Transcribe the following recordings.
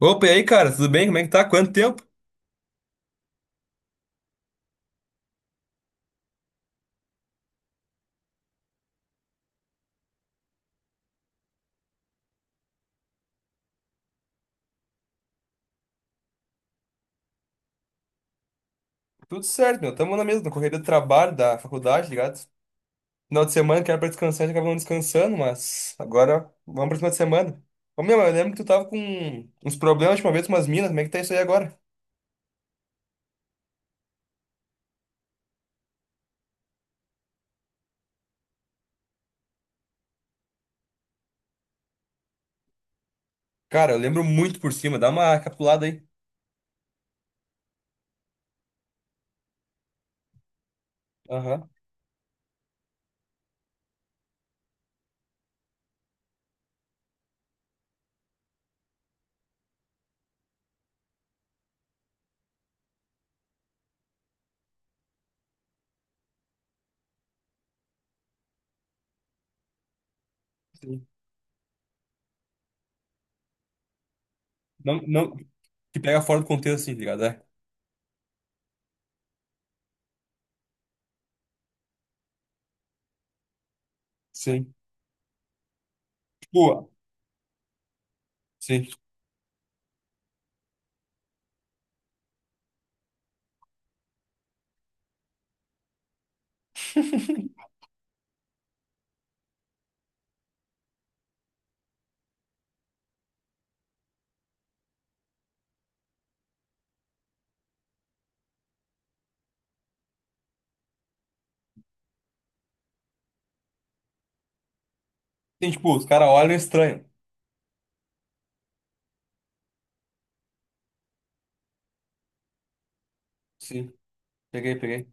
Opa, e aí, cara, tudo bem? Como é que tá? Quanto tempo? Tudo certo, meu. Tamo na mesma, correria do trabalho, da faculdade, tá ligado? Final de semana que era pra descansar, a gente acaba não descansando, mas agora vamos pra cima de semana. Ô, meu, eu lembro que tu tava com uns problemas de uma vez com umas minas, como é que tá isso aí agora? Cara, eu lembro muito por cima, dá uma capulada aí. Aham, sim. Não, não, que pega fora do contexto, assim, ligado? É. Sim. Tipo, sim. Tem, tipo, os caras olham estranho. Sim, peguei, peguei.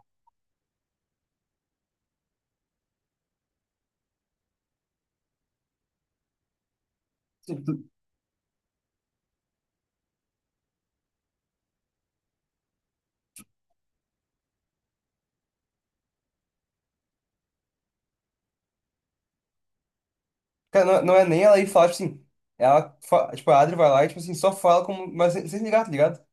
Cara, não, não é nem ela ir falar, tipo assim. Ela, tipo, a Adri vai lá e, tipo assim, só fala como. Mas sem, sem ligar, tá ligado?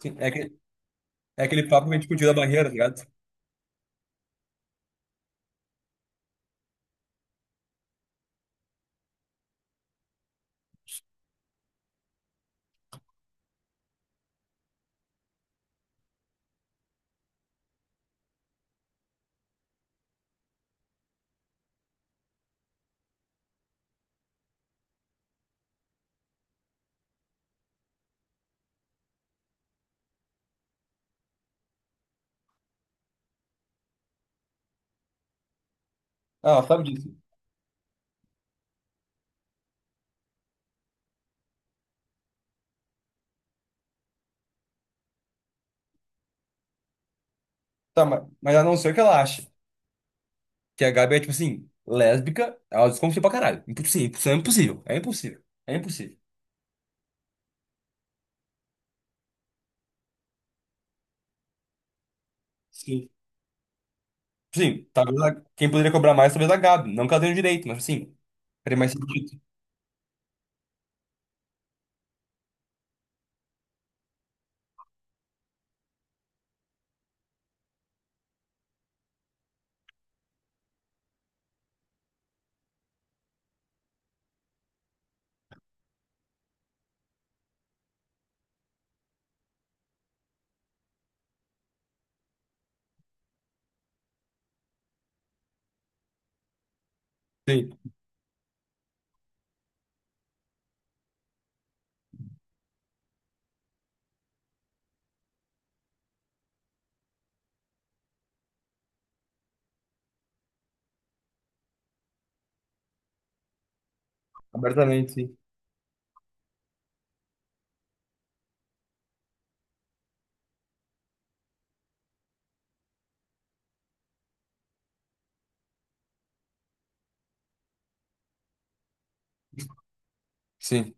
Sim. É aquele papo que a gente podia da barreira, tá ligado? Ah, ela sabe disso. Tá, mas ela não sei o que ela acha. Que a Gabi é, tipo assim, lésbica, ela desconfia pra caralho. Sim, isso é impossível. É impossível. É impossível. Sim. Sim, talvez quem poderia cobrar mais, talvez a Gabi. Não que ela tenha o direito, mas assim, faria mais sentido. Sim, abertamente, sim. Sim,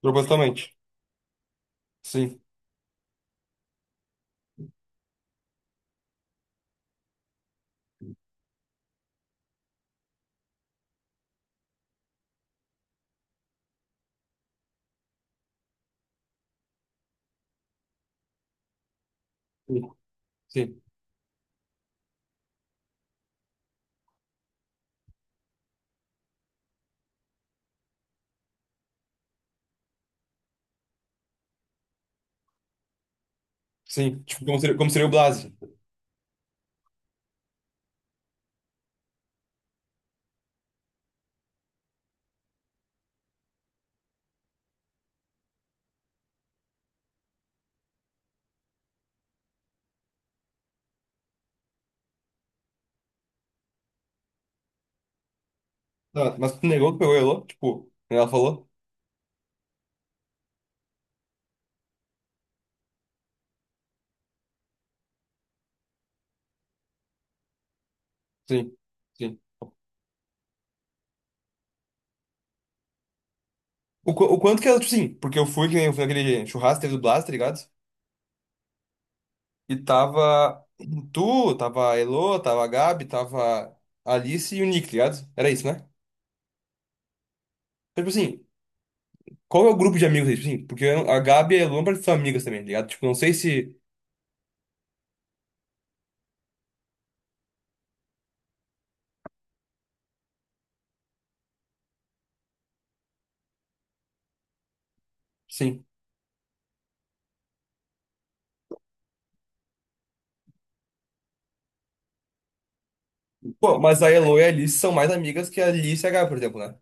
propositalmente. Sim, sim, sim, sim. Tipo, como seria o Blas? Ah, mas tu negou que pegou Elô? Tipo, ela falou? Sim, sim. O, o quanto que ela, tipo, sim, porque eu fui, que nem eu fui naquele churrasco, que teve do Blas, tá ligado? E tava tu, tava a Elô, tava a Gabi, tava a Alice e o Nick, tá ligado? Era isso, né? Então, tipo assim, qual é o grupo de amigos aí, tipo assim? Porque a Gabi e a Elô não parecem ser amigas também, tá ligado? Tipo, não sei se. Sim. Pô, mas a Elo e a Alice são mais amigas que a Alice e a Gabi, por exemplo, né?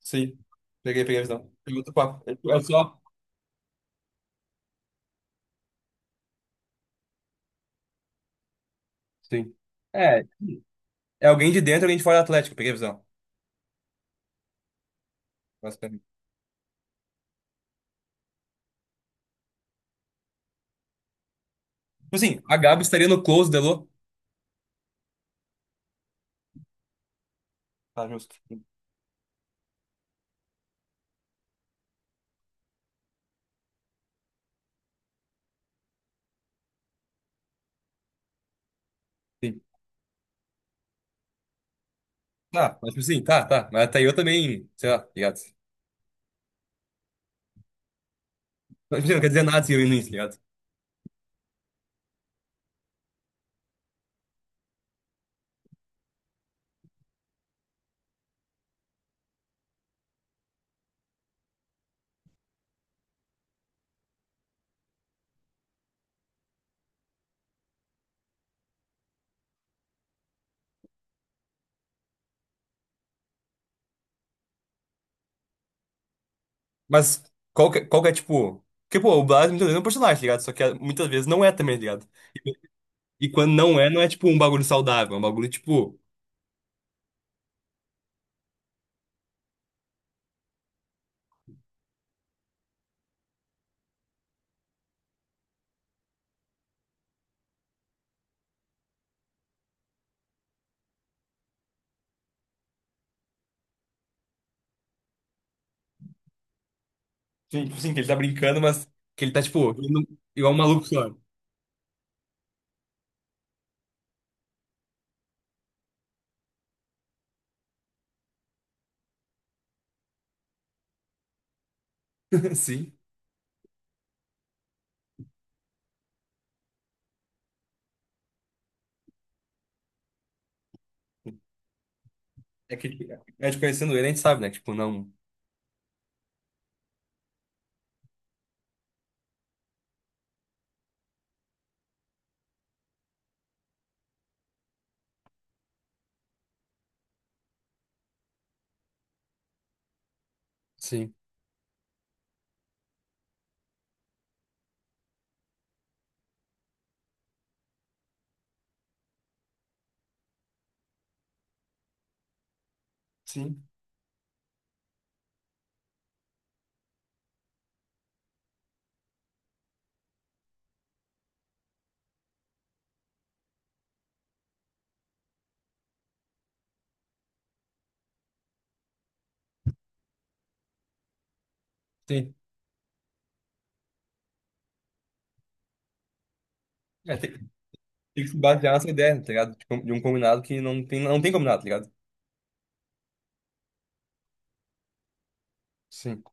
Sim. Peguei, peguei a visão. Peguei outro papo. É só. Sim. É. É alguém de dentro e alguém de fora do Atlético, peguei a visão. Basicamente. Tipo assim, a Gabi estaria no close, Delô. Tá justo. Sim. Tá, mas tipo assim, tá, tá. Mas até eu também, sei lá, ligado? Mas, tipo assim, não quer dizer nada se eu ir no início, ligado? Mas qual que é, tipo. Porque, pô, o Blas muitas vezes é um personagem, ligado? Só que ah, muitas vezes não é também, ligado? E quando não é, não é tipo um bagulho saudável, é um bagulho tipo. Sim, tipo assim, que ele tá brincando, mas que ele tá, tipo, indo igual um maluco só. Sim. É que, é, tipo, conhecendo ele, a gente sabe, né? Tipo, não. Sim. Sim. Sim. É, tem que se basear nessa ideia, tá ligado? De um combinado que não tem, não tem combinado, tá ligado? Sim.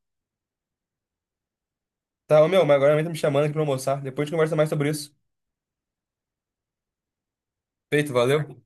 Tá, ô meu, mas agora a mãe tá me chamando aqui pra almoçar. Depois a gente conversa mais sobre isso. Feito, valeu.